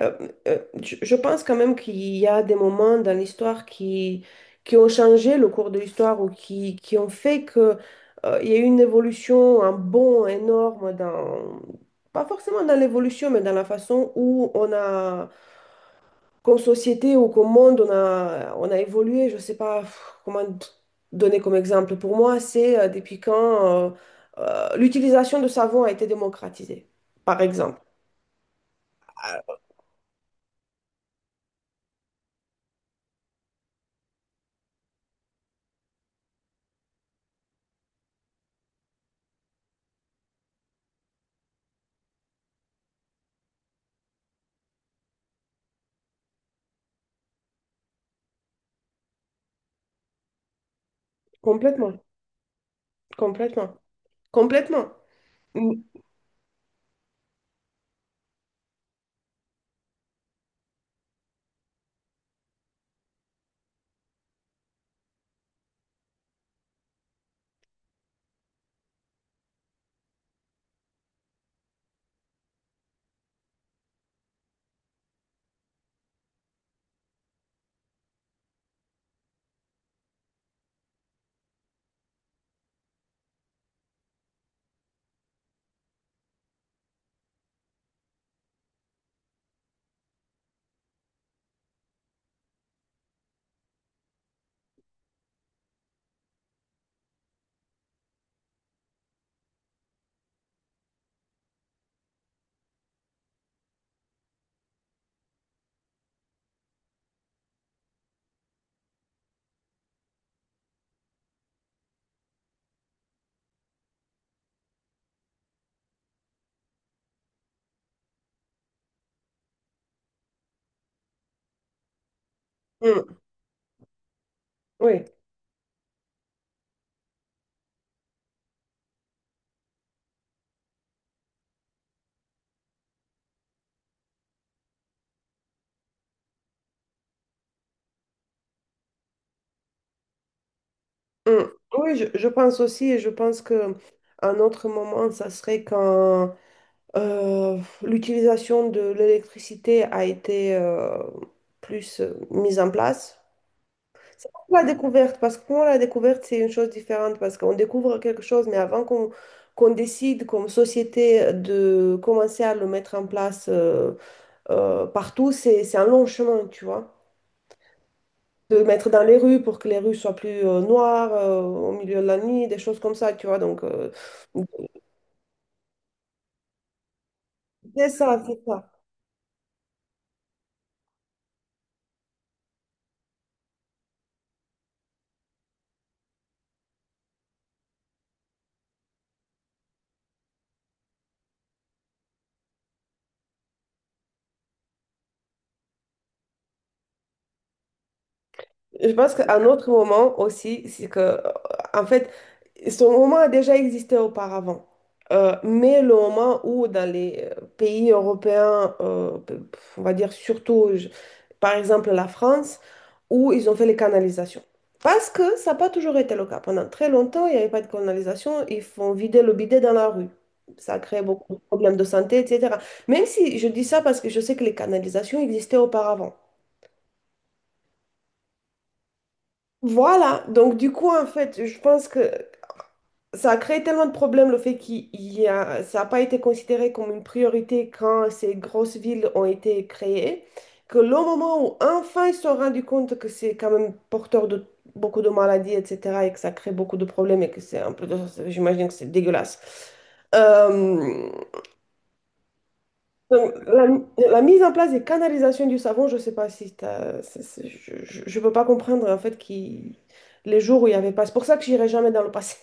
Je pense quand même qu'il y a des moments dans l'histoire qui ont changé le cours de l'histoire ou qui ont fait que, il y a eu une évolution, un bond énorme pas forcément dans l'évolution, mais dans la façon où on a, comme société ou comme monde, on a évolué. Je sais pas comment donner comme exemple. Pour moi, c'est depuis quand l'utilisation de savon a été démocratisée, par exemple. Complètement, complètement, complètement. Mm, mm. Oui, mm. Oui, je pense aussi, et je pense que un autre moment, ça serait quand l'utilisation de l'électricité a été plus mise en place. C'est comme la découverte, parce que pour moi, la découverte, c'est une chose différente, parce qu'on découvre quelque chose, mais avant qu'on décide comme société de commencer à le mettre en place partout, c'est un long chemin, tu vois. De mettre dans les rues pour que les rues soient plus noires au milieu de la nuit, des choses comme ça, tu vois. Donc, c'est ça, c'est ça. Je pense qu'un autre moment aussi, c'est que, en fait, ce moment a déjà existé auparavant. Mais le moment où dans les pays européens, on va dire surtout, par exemple la France, où ils ont fait les canalisations. Parce que ça n'a pas toujours été le cas. Pendant très longtemps, il n'y avait pas de canalisation, ils font vider le bidet dans la rue. Ça crée beaucoup de problèmes de santé, etc. Même si je dis ça parce que je sais que les canalisations existaient auparavant. Voilà, donc du coup, en fait, je pense que ça a créé tellement de problèmes le fait qu'il il y a, ça n'a pas été considéré comme une priorité quand ces grosses villes ont été créées, que le moment où enfin ils se sont rendus compte que c'est quand même porteur de beaucoup de maladies, etc., et que ça crée beaucoup de problèmes et que c'est un peu, j'imagine que c'est dégueulasse. Euh, donc, la mise en place des canalisations du savon, je ne sais pas si je ne peux pas comprendre en fait qui les jours où il n'y avait pas. C'est pour ça que j'irai jamais dans le passé.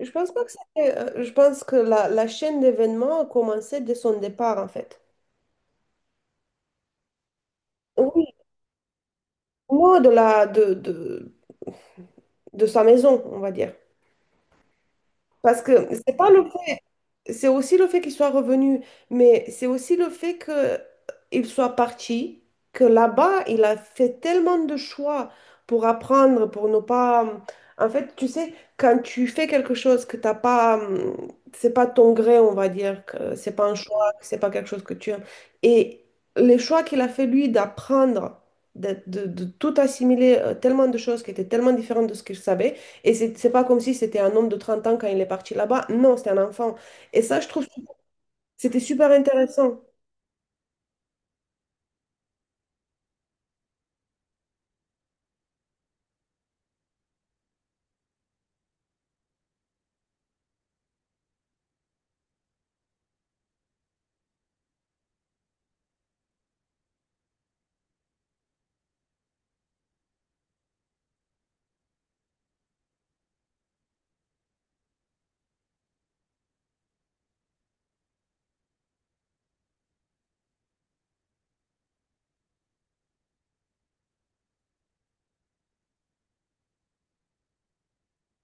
Je pense pas que c'était. Je pense que la chaîne d'événements a commencé dès son départ, en fait. Oui, non, de la de sa maison, on va dire. Parce que c'est pas le c'est aussi le fait qu'il soit revenu, mais c'est aussi le fait qu'il soit parti, que là-bas, il a fait tellement de choix pour apprendre, pour ne pas... En fait, tu sais, quand tu fais quelque chose que t'as pas, c'est pas ton gré, on va dire, que c'est pas un choix, que c'est pas quelque chose que tu aimes. Et les choix qu'il a fait, lui, d'apprendre, de tout assimiler, tellement de choses qui étaient tellement différentes de ce qu'il savait, et c'est pas comme si c'était un homme de 30 ans quand il est parti là-bas. Non, c'était un enfant. Et ça, je trouve que c'était super intéressant.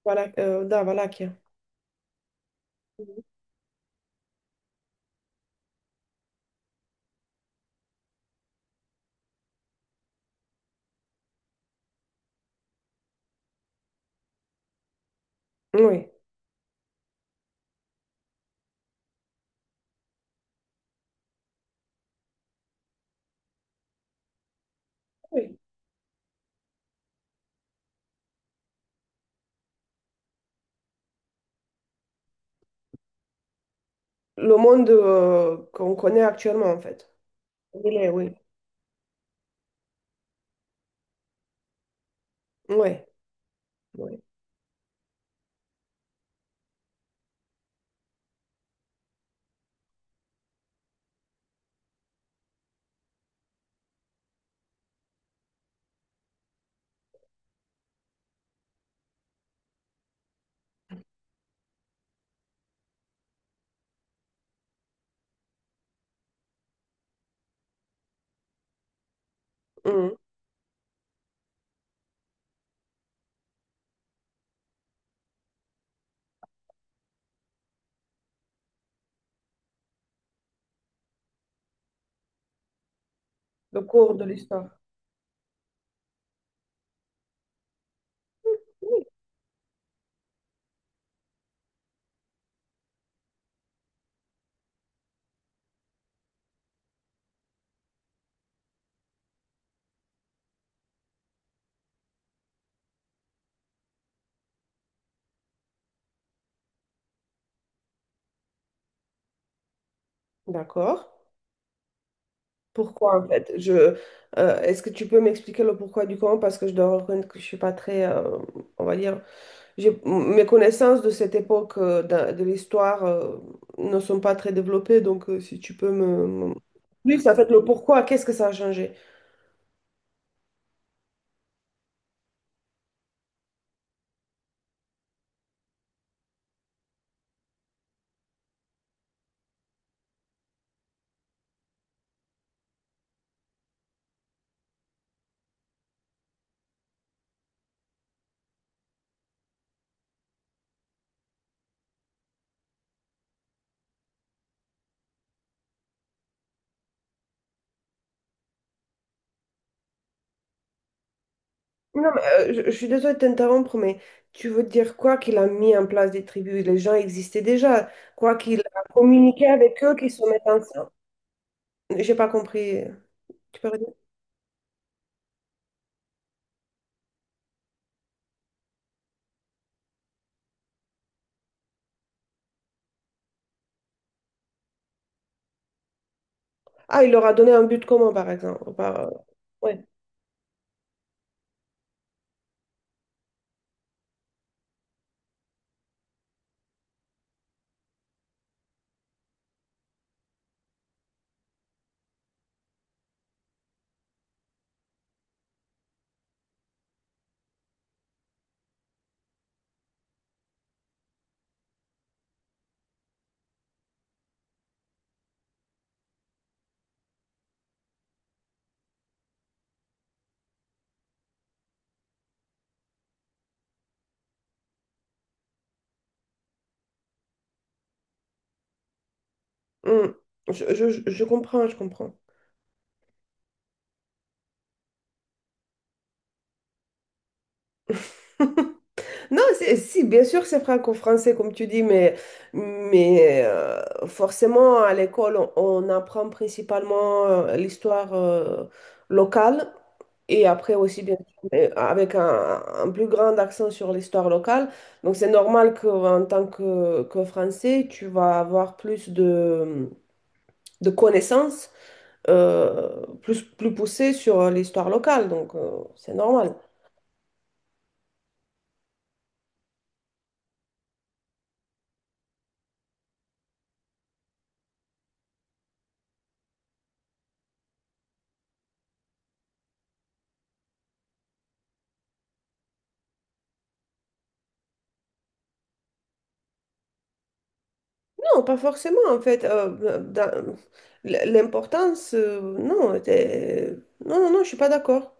Voilà, da Valaquia. Oui. Oui. Le monde qu'on connaît actuellement, en fait. Il est, oui. Oui. Oui. Mhm. Le cours de l'histoire. D'accord. Pourquoi, en fait? Est-ce que tu peux m'expliquer le pourquoi du comment? Parce que je dois reconnaître que je suis pas très, on va dire, mes connaissances de cette époque de l'histoire ne sont pas très développées. Donc, si tu peux plus, en fait, le pourquoi, qu'est-ce que ça a changé? Non, mais je suis désolée de t'interrompre, mais tu veux dire quoi qu'il a mis en place des tribus? Les gens existaient déjà. Quoi qu'il a communiqué avec eux, qu'ils se mettent ensemble. J'ai pas compris. Tu peux redire? Ah, il leur a donné un but commun, par exemple. Ouais. Hmm. Je comprends, je comprends. Non, si, bien sûr, c'est franco-français, comme tu dis, mais forcément, à l'école, on apprend principalement l'histoire locale. Et après aussi, bien sûr, mais avec un plus grand accent sur l'histoire locale. Donc, c'est normal qu'en tant que, Français, tu vas avoir plus de connaissances plus poussées sur l'histoire locale. Donc, c'est normal. Non, pas forcément, en fait. L'importance, non, non, non, non, je suis pas d'accord.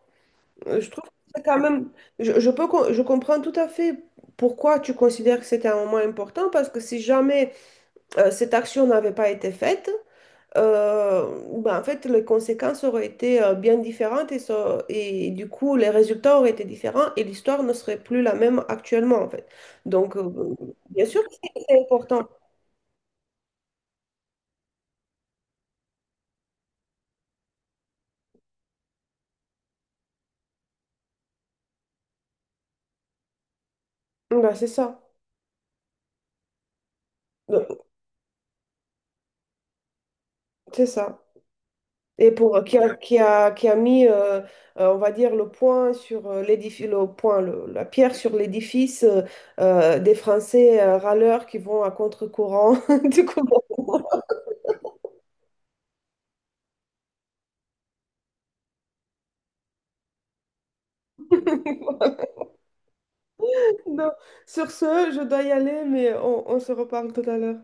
Je trouve que c'est quand même... Je comprends tout à fait pourquoi tu considères que c'était un moment important, parce que si jamais... cette action n'avait pas été faite, ben, en fait, les conséquences auraient été bien différentes et, et du coup, les résultats auraient été différents et l'histoire ne serait plus la même actuellement, en fait. Donc, bien sûr que c'est important. Ben, c'est ça. Donc, c'est ça. Et pour, qui a mis, on va dire, le point sur l'édifice, la pierre sur l'édifice des Français râleurs qui vont à contre-courant. Du coup, non. Sur ce, je dois y aller, mais on se reparle tout à l'heure.